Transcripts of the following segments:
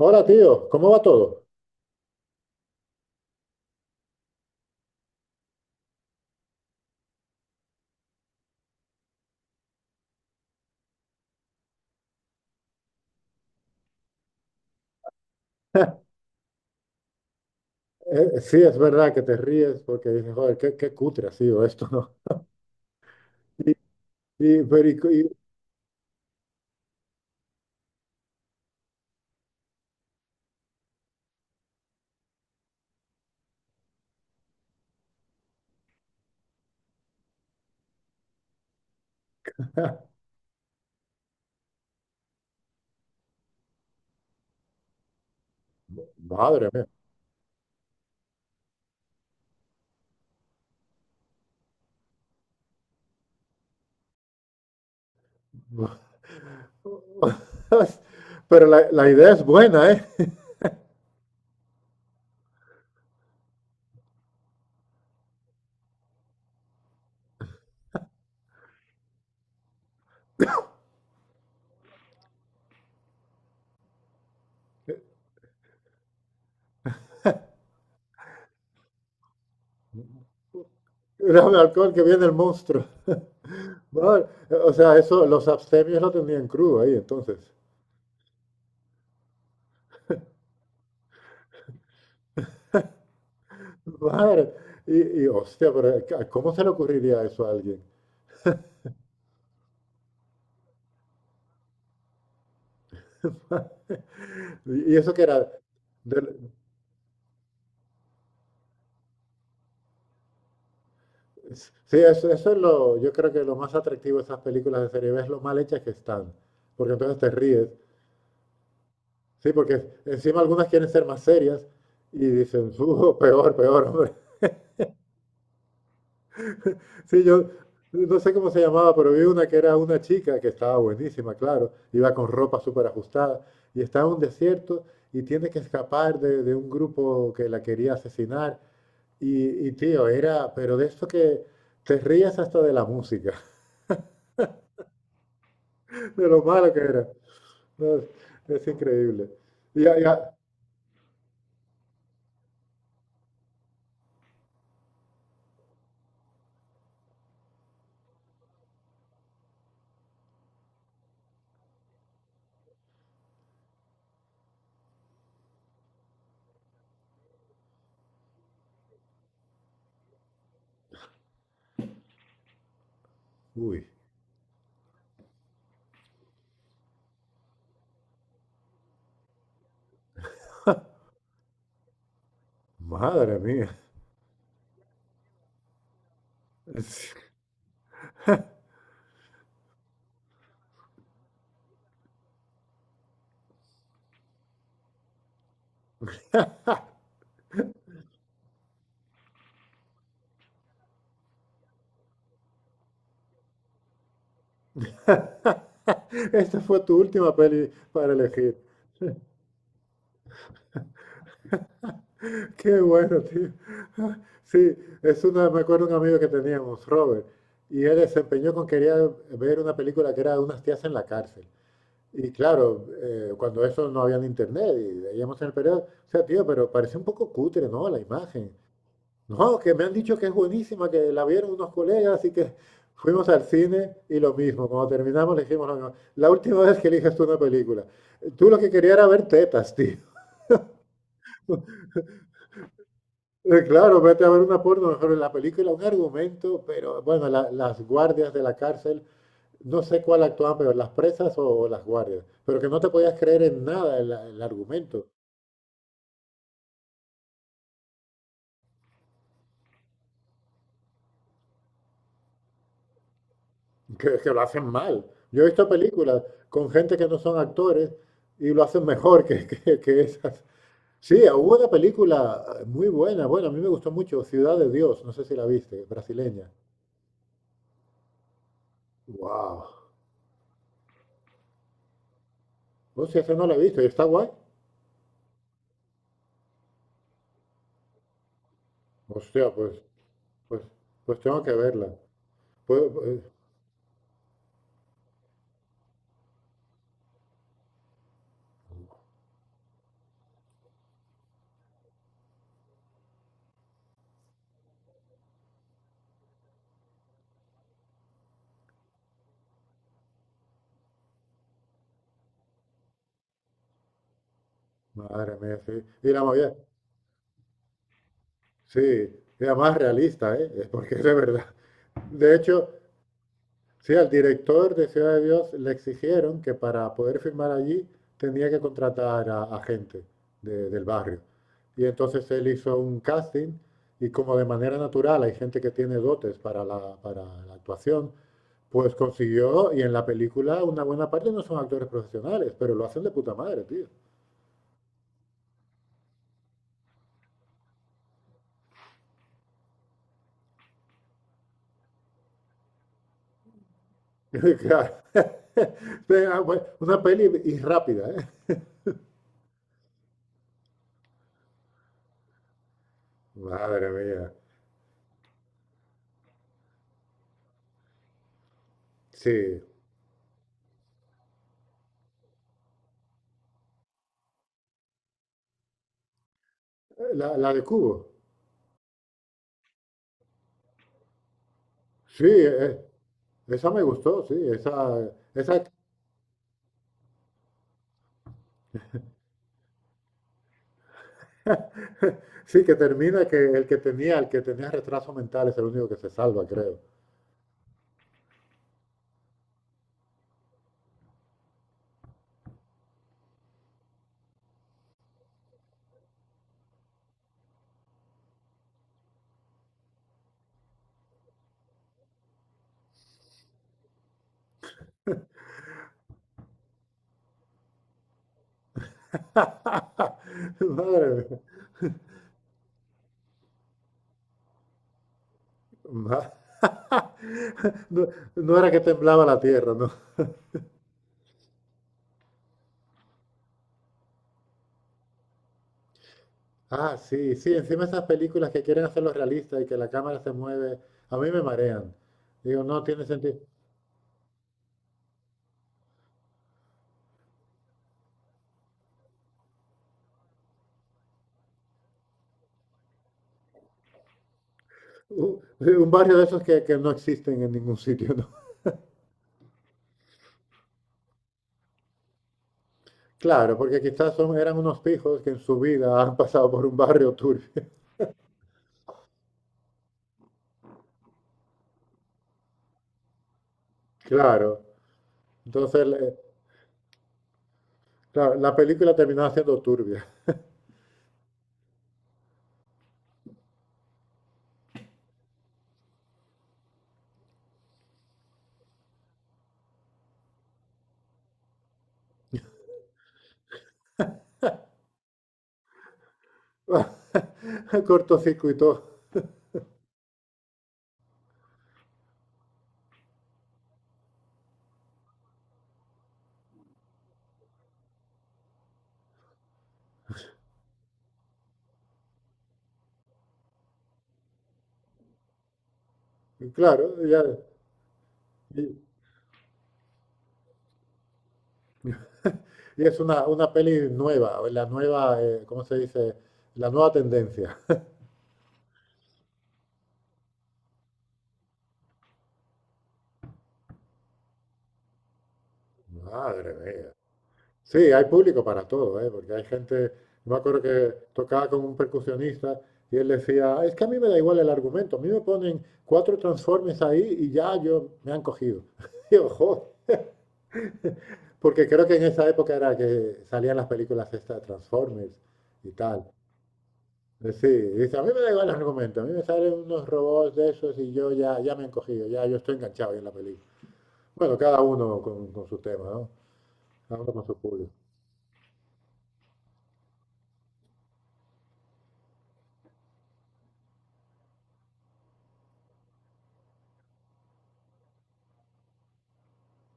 Hola, tío, ¿cómo va todo? Sí, es verdad que te ríes porque dices, joder, qué cutre ha sido esto, ¿no? Y, y- pero y- y- Madre mía. Pero la idea es buena, ¿eh? Dame alcohol que viene el monstruo. Madre, o sea, eso, los abstemios lo tenían crudo ahí, entonces. Madre, hostia, pero ¿cómo se le ocurriría eso a alguien? ¿Y eso que era? Sí, eso es lo, yo creo que lo más atractivo de esas películas de serie B es lo mal hechas que están, porque entonces te ríes. Sí, porque encima algunas quieren ser más serias y dicen, peor, peor, hombre. Sí, yo no sé cómo se llamaba, pero vi una que era una chica que estaba buenísima, claro, iba con ropa súper ajustada y estaba en un desierto y tiene que escapar de un grupo que la quería asesinar. Y tío, era, pero de eso que te rías hasta de la música, de lo malo que era. No, es increíble. Ya, ya. Uy, madre mía. Es- Esta fue tu última peli para elegir. Qué bueno, tío. Sí, es una, me acuerdo de un amigo que teníamos, Robert, y él desempeñó con quería ver una película que era de unas tías en la cárcel. Y claro, cuando eso no había en internet y veíamos en el periódico, o sea, tío, pero parecía un poco cutre, ¿no? La imagen. No, que me han dicho que es buenísima, que la vieron unos colegas y que fuimos al cine y lo mismo. Cuando terminamos le dijimos lo mismo. La última vez que eliges tú una película, tú lo que querías era ver tetas, tío. Claro, vete a ver una porno, mejor en la película, un argumento, pero bueno, la- las guardias de la cárcel, no sé cuál actuaban peor, las presas o las guardias, pero que no te podías creer en nada el, el argumento, que lo hacen mal. Yo he visto películas con gente que no son actores y lo hacen mejor que esas. Sí, hubo una película muy buena, bueno, a mí me gustó mucho, Ciudad de Dios, no sé si la viste, brasileña. Wow. Hostia, esa no la he visto, ¿y está guay? Hostia, pues, pues tengo que verla. Pues, pues, madre mía, sí. Y la movida, sí, era más realista, ¿eh? Porque es de verdad. De hecho, sí, al director de Ciudad de Dios le exigieron que para poder filmar allí tenía que contratar a gente de- del barrio. Y entonces él hizo un casting y como de manera natural hay gente que tiene dotes para la actuación, pues consiguió y en la película una buena parte no son actores profesionales, pero lo hacen de puta madre, tío. Claro. Venga, bueno, una peli y rápida, ¿eh? Madre mía. Sí. La de Cubo. Sí, esa me gustó, sí, esa sí que termina que el que tenía retraso mental es el único que se salva, creo. Madre mía. Ma- No, no era que temblaba la tierra, ¿no? Ah, sí, sí, encima esas películas que quieren hacerlo realista y que la cámara se mueve, a mí me marean. Digo, no tiene sentido. Un, sí, un barrio de esos que no existen en ningún sitio, ¿no? Claro, porque quizás son, eran unos pijos que en su vida han pasado por un barrio turbio. Claro. Entonces, le- claro, la película terminaba siendo turbia. Cortocircuitó. Y claro, ya. Y, y es una peli nueva, o la nueva, ¿cómo se dice? La nueva tendencia. Madre mía. Sí, hay público para todo, ¿eh? Porque hay gente, me acuerdo que tocaba con un percusionista y él decía, es que a mí me da igual el argumento, a mí me ponen cuatro transformes ahí y ya yo me han cogido. Y yo, "Jo, porque creo que en esa época era que salían las películas estas de Transformers y tal. Sí, dice, a mí me da igual el argumento, a mí me salen unos robots de esos y yo ya, ya me he encogido, ya yo estoy enganchado ahí en la película. Bueno, cada uno con su tema, ¿no? Cada uno con su público.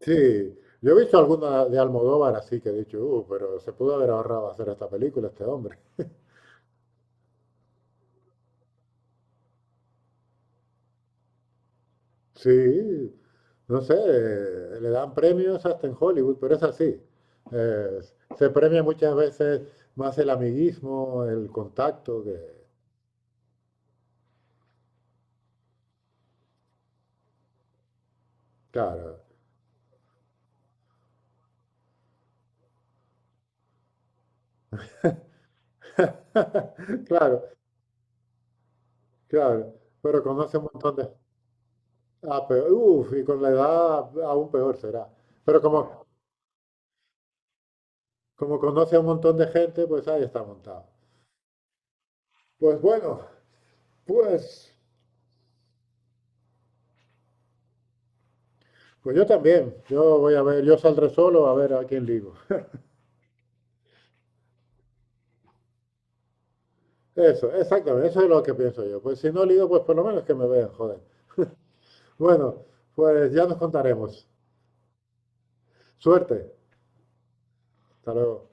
Sí, yo he visto alguna de Almodóvar así que he dicho, pero se pudo haber ahorrado hacer esta película este hombre. Sí, no sé, le dan premios hasta en Hollywood, pero es así. Eh, Se premia muchas veces más el amiguismo, el contacto, que, claro, claro, claro, pero conoce un montón de... Ah, pero, uf, y con la edad aún peor será. Pero como conoce a un montón de gente, pues ahí está montado. Pues bueno, pues, pues yo también, yo voy a ver, yo saldré solo a ver a quién ligo. Eso, exactamente, eso es lo que pienso yo. Pues si no ligo, pues por lo menos que me vean, joder. Bueno, pues ya nos contaremos. Suerte, hasta luego.